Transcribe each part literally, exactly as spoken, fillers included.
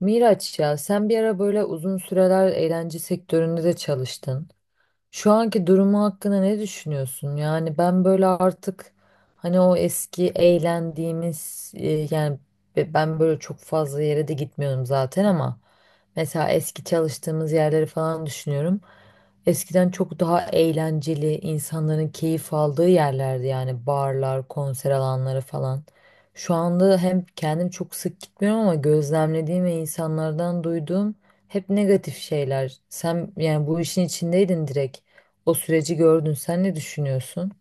Miraç, ya sen bir ara böyle uzun süreler eğlence sektöründe de çalıştın. Şu anki durumu hakkında ne düşünüyorsun? Yani ben böyle artık hani o eski eğlendiğimiz e, yani be- ben böyle çok fazla yere de gitmiyorum zaten ama mesela eski çalıştığımız yerleri falan düşünüyorum. Eskiden çok daha eğlenceli insanların keyif aldığı yerlerdi yani barlar, konser alanları falan. Şu anda hem kendim çok sık gitmiyorum ama gözlemlediğim ve insanlardan duyduğum hep negatif şeyler. Sen yani bu işin içindeydin direkt. O süreci gördün. Sen ne düşünüyorsun?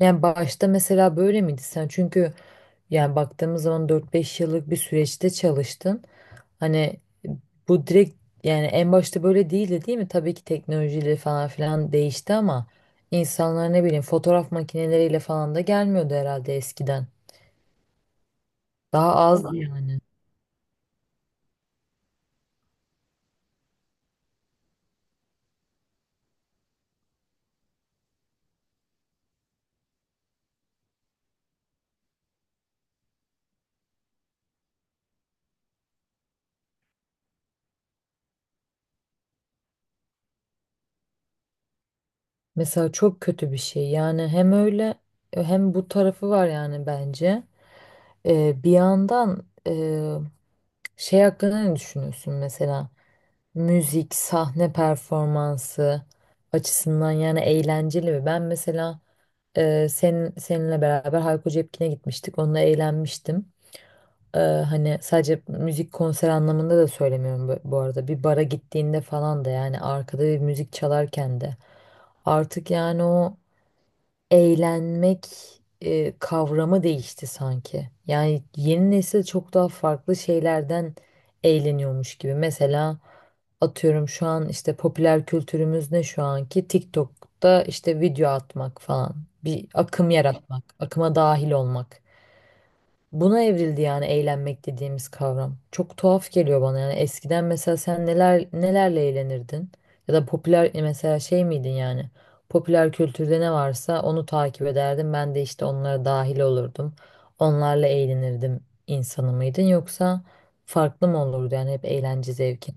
Yani başta mesela böyle miydi sen? Çünkü yani baktığımız zaman dört beş yıllık bir süreçte çalıştın. Hani bu direkt yani en başta böyle değildi değil mi? Tabii ki teknolojiyle falan filan değişti ama insanlar ne bileyim fotoğraf makineleriyle falan da gelmiyordu herhalde eskiden. Daha az yani. Mesela çok kötü bir şey. Yani hem öyle hem bu tarafı var yani bence. Ee, bir yandan e, şey hakkında ne düşünüyorsun mesela? Müzik, sahne performansı açısından yani eğlenceli mi? Ben mesela e, sen, seninle beraber Hayko Cepkin'e gitmiştik. Onunla eğlenmiştim. E, hani sadece müzik konser anlamında da söylemiyorum bu, bu arada. Bir bara gittiğinde falan da yani arkada bir müzik çalarken de. Artık yani o eğlenmek e, kavramı değişti sanki. Yani yeni nesil çok daha farklı şeylerden eğleniyormuş gibi. Mesela atıyorum şu an işte popüler kültürümüz ne şu anki? TikTok'ta işte video atmak falan. Bir akım yaratmak, akıma dahil olmak. Buna evrildi yani eğlenmek dediğimiz kavram. Çok tuhaf geliyor bana yani eskiden mesela sen neler nelerle eğlenirdin? Ya da popüler mesela şey miydin yani? Popüler kültürde ne varsa onu takip ederdim. Ben de işte onlara dahil olurdum. Onlarla eğlenirdim insanı mıydın yoksa farklı mı olurdu yani hep eğlence zevki?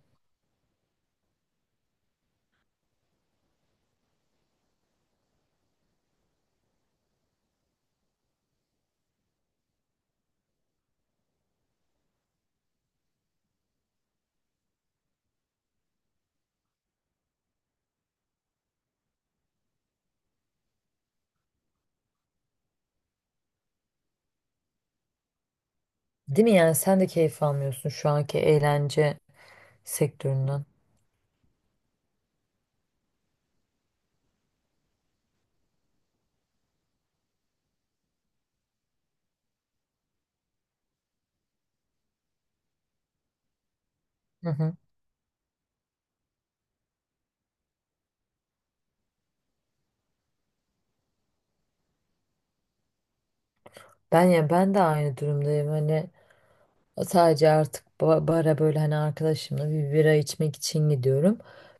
Değil mi, yani sen de keyif almıyorsun şu anki eğlence sektöründen. Hı hı. Ben ya ben de aynı durumdayım. Hani sadece artık ba- bara böyle hani arkadaşımla bir bira içmek için gidiyorum.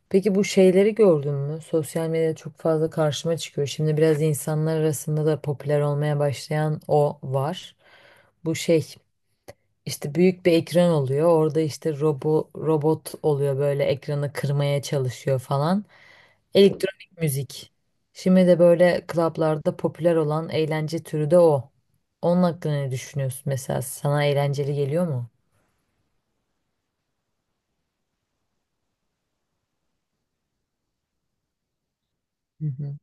Peki bu şeyleri gördün mü? Sosyal medyada çok fazla karşıma çıkıyor. Şimdi biraz insanlar arasında da popüler olmaya başlayan o var. Bu şey işte büyük bir ekran oluyor. Orada işte robo, robot oluyor böyle ekranı kırmaya çalışıyor falan. Elektronik müzik. Şimdi de böyle klaplarda popüler olan eğlence türü de o. Onun hakkında ne düşünüyorsun mesela? Sana eğlenceli geliyor mu? Hı hı.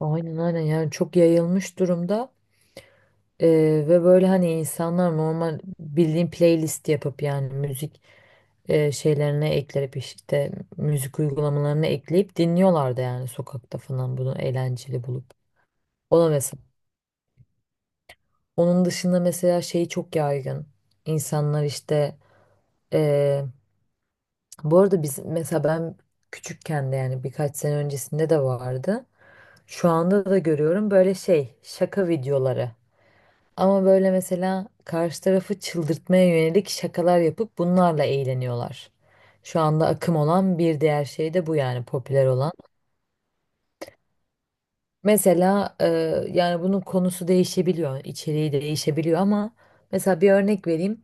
Aynen aynen, yani çok yayılmış durumda. Ee, Ve böyle hani insanlar normal bildiğin playlist yapıp yani müzik e, şeylerine ekleyip işte müzik uygulamalarına ekleyip dinliyorlardı yani sokakta falan bunu eğlenceli bulup. O da mesela. Onun dışında mesela şey çok yaygın. İnsanlar işte, e, bu arada biz mesela ben küçükken de yani birkaç sene öncesinde de vardı. Şu anda da görüyorum böyle şey şaka videoları. Ama böyle mesela karşı tarafı çıldırtmaya yönelik şakalar yapıp bunlarla eğleniyorlar. Şu anda akım olan bir diğer şey de bu yani popüler olan. Mesela e, yani bunun konusu değişebiliyor, içeriği değişebiliyor ama mesela bir örnek vereyim.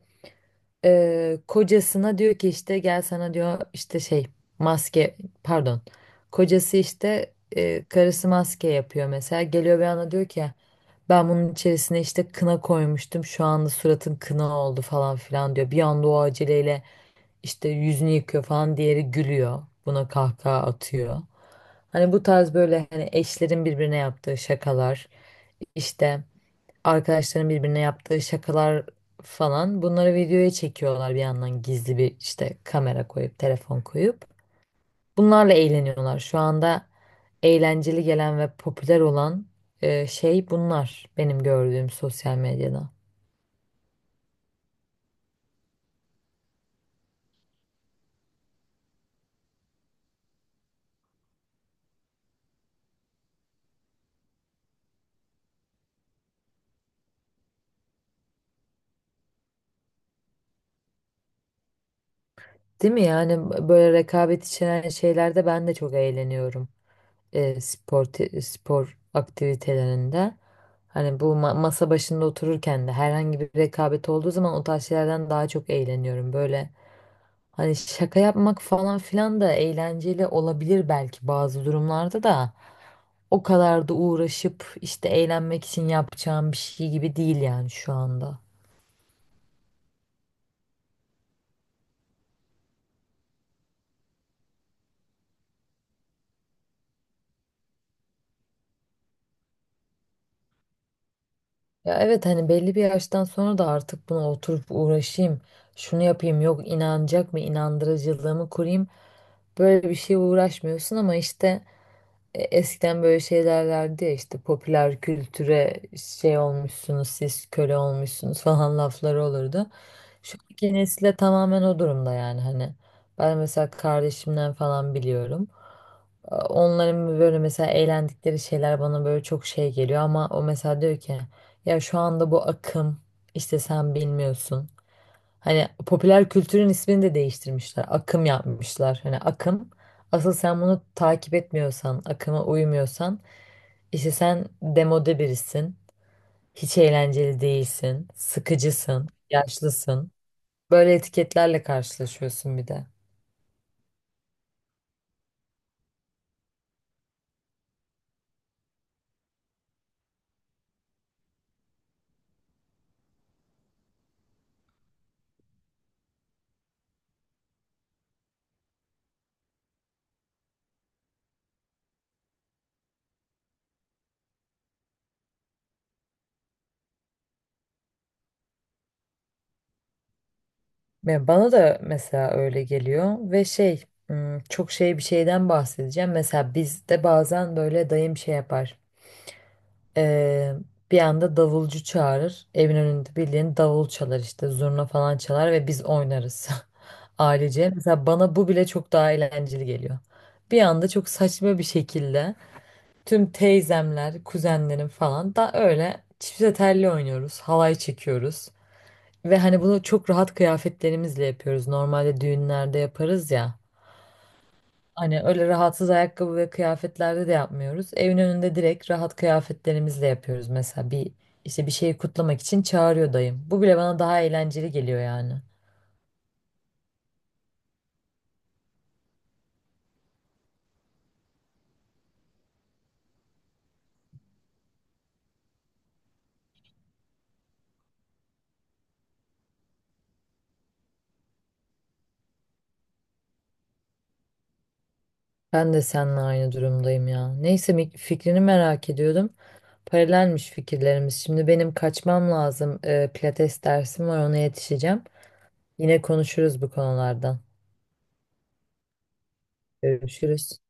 E, kocasına diyor ki işte gel sana diyor işte şey maske, pardon. Kocası işte e, karısı maske yapıyor mesela. Geliyor bir anda diyor ki ben bunun içerisine işte kına koymuştum. Şu anda suratın kına oldu falan filan diyor. Bir anda o aceleyle işte yüzünü yıkıyor falan. Diğeri gülüyor. Buna kahkaha atıyor. Hani bu tarz böyle hani eşlerin birbirine yaptığı şakalar, işte arkadaşların birbirine yaptığı şakalar falan bunları videoya çekiyorlar bir yandan gizli bir işte kamera koyup telefon koyup. Bunlarla eğleniyorlar. Şu anda eğlenceli gelen ve popüler olan e, şey bunlar benim gördüğüm sosyal medyada. Değil mi? Yani böyle rekabet içeren şeylerde ben de çok eğleniyorum. E, spor te- spor aktivitelerinde hani bu ma- masa başında otururken de herhangi bir rekabet olduğu zaman o tarz şeylerden daha çok eğleniyorum. Böyle hani şaka yapmak falan filan da eğlenceli olabilir belki bazı durumlarda da o kadar da uğraşıp işte eğlenmek için yapacağım bir şey gibi değil yani şu anda. Ya evet, hani belli bir yaştan sonra da artık buna oturup uğraşayım. Şunu yapayım yok inanacak mı, inandırıcılığımı kurayım. Böyle bir şeye uğraşmıyorsun ama işte, e, eskiden böyle şey derlerdi ya işte popüler kültüre şey olmuşsunuz siz, köle olmuşsunuz falan lafları olurdu. Şu anki nesile tamamen o durumda yani hani ben mesela kardeşimden falan biliyorum. E, Onların böyle mesela eğlendikleri şeyler bana böyle çok şey geliyor ama o mesela diyor ki ya şu anda bu akım işte sen bilmiyorsun. Hani popüler kültürün ismini de değiştirmişler. Akım yapmışlar. Hani akım asıl sen bunu takip etmiyorsan, akıma uymuyorsan, işte sen demode birisin, hiç eğlenceli değilsin, sıkıcısın, yaşlısın. Böyle etiketlerle karşılaşıyorsun bir de. Ya bana da mesela öyle geliyor ve şey, ım, çok şey bir şeyden bahsedeceğim. Mesela bizde bazen böyle dayım şey yapar. Ee, Bir anda davulcu çağırır. Evin önünde bildiğin davul çalar işte zurna falan çalar ve biz oynarız. Ailece. Mesela bana bu bile çok daha eğlenceli geliyor. Bir anda çok saçma bir şekilde tüm teyzemler, kuzenlerim falan da öyle çifte telli oynuyoruz. Halay çekiyoruz. Ve hani bunu çok rahat kıyafetlerimizle yapıyoruz. Normalde düğünlerde yaparız ya. Hani öyle rahatsız ayakkabı ve kıyafetlerde de yapmıyoruz. Evin önünde direkt rahat kıyafetlerimizle yapıyoruz. Mesela bir işte bir şeyi kutlamak için çağırıyor dayım. Bu bile bana daha eğlenceli geliyor yani. Ben de seninle aynı durumdayım ya. Neyse, mi- fikrini merak ediyordum. Paralelmiş fikirlerimiz. Şimdi benim kaçmam lazım. Ee, pilates dersim var, ona yetişeceğim. Yine konuşuruz bu konulardan. Görüşürüz.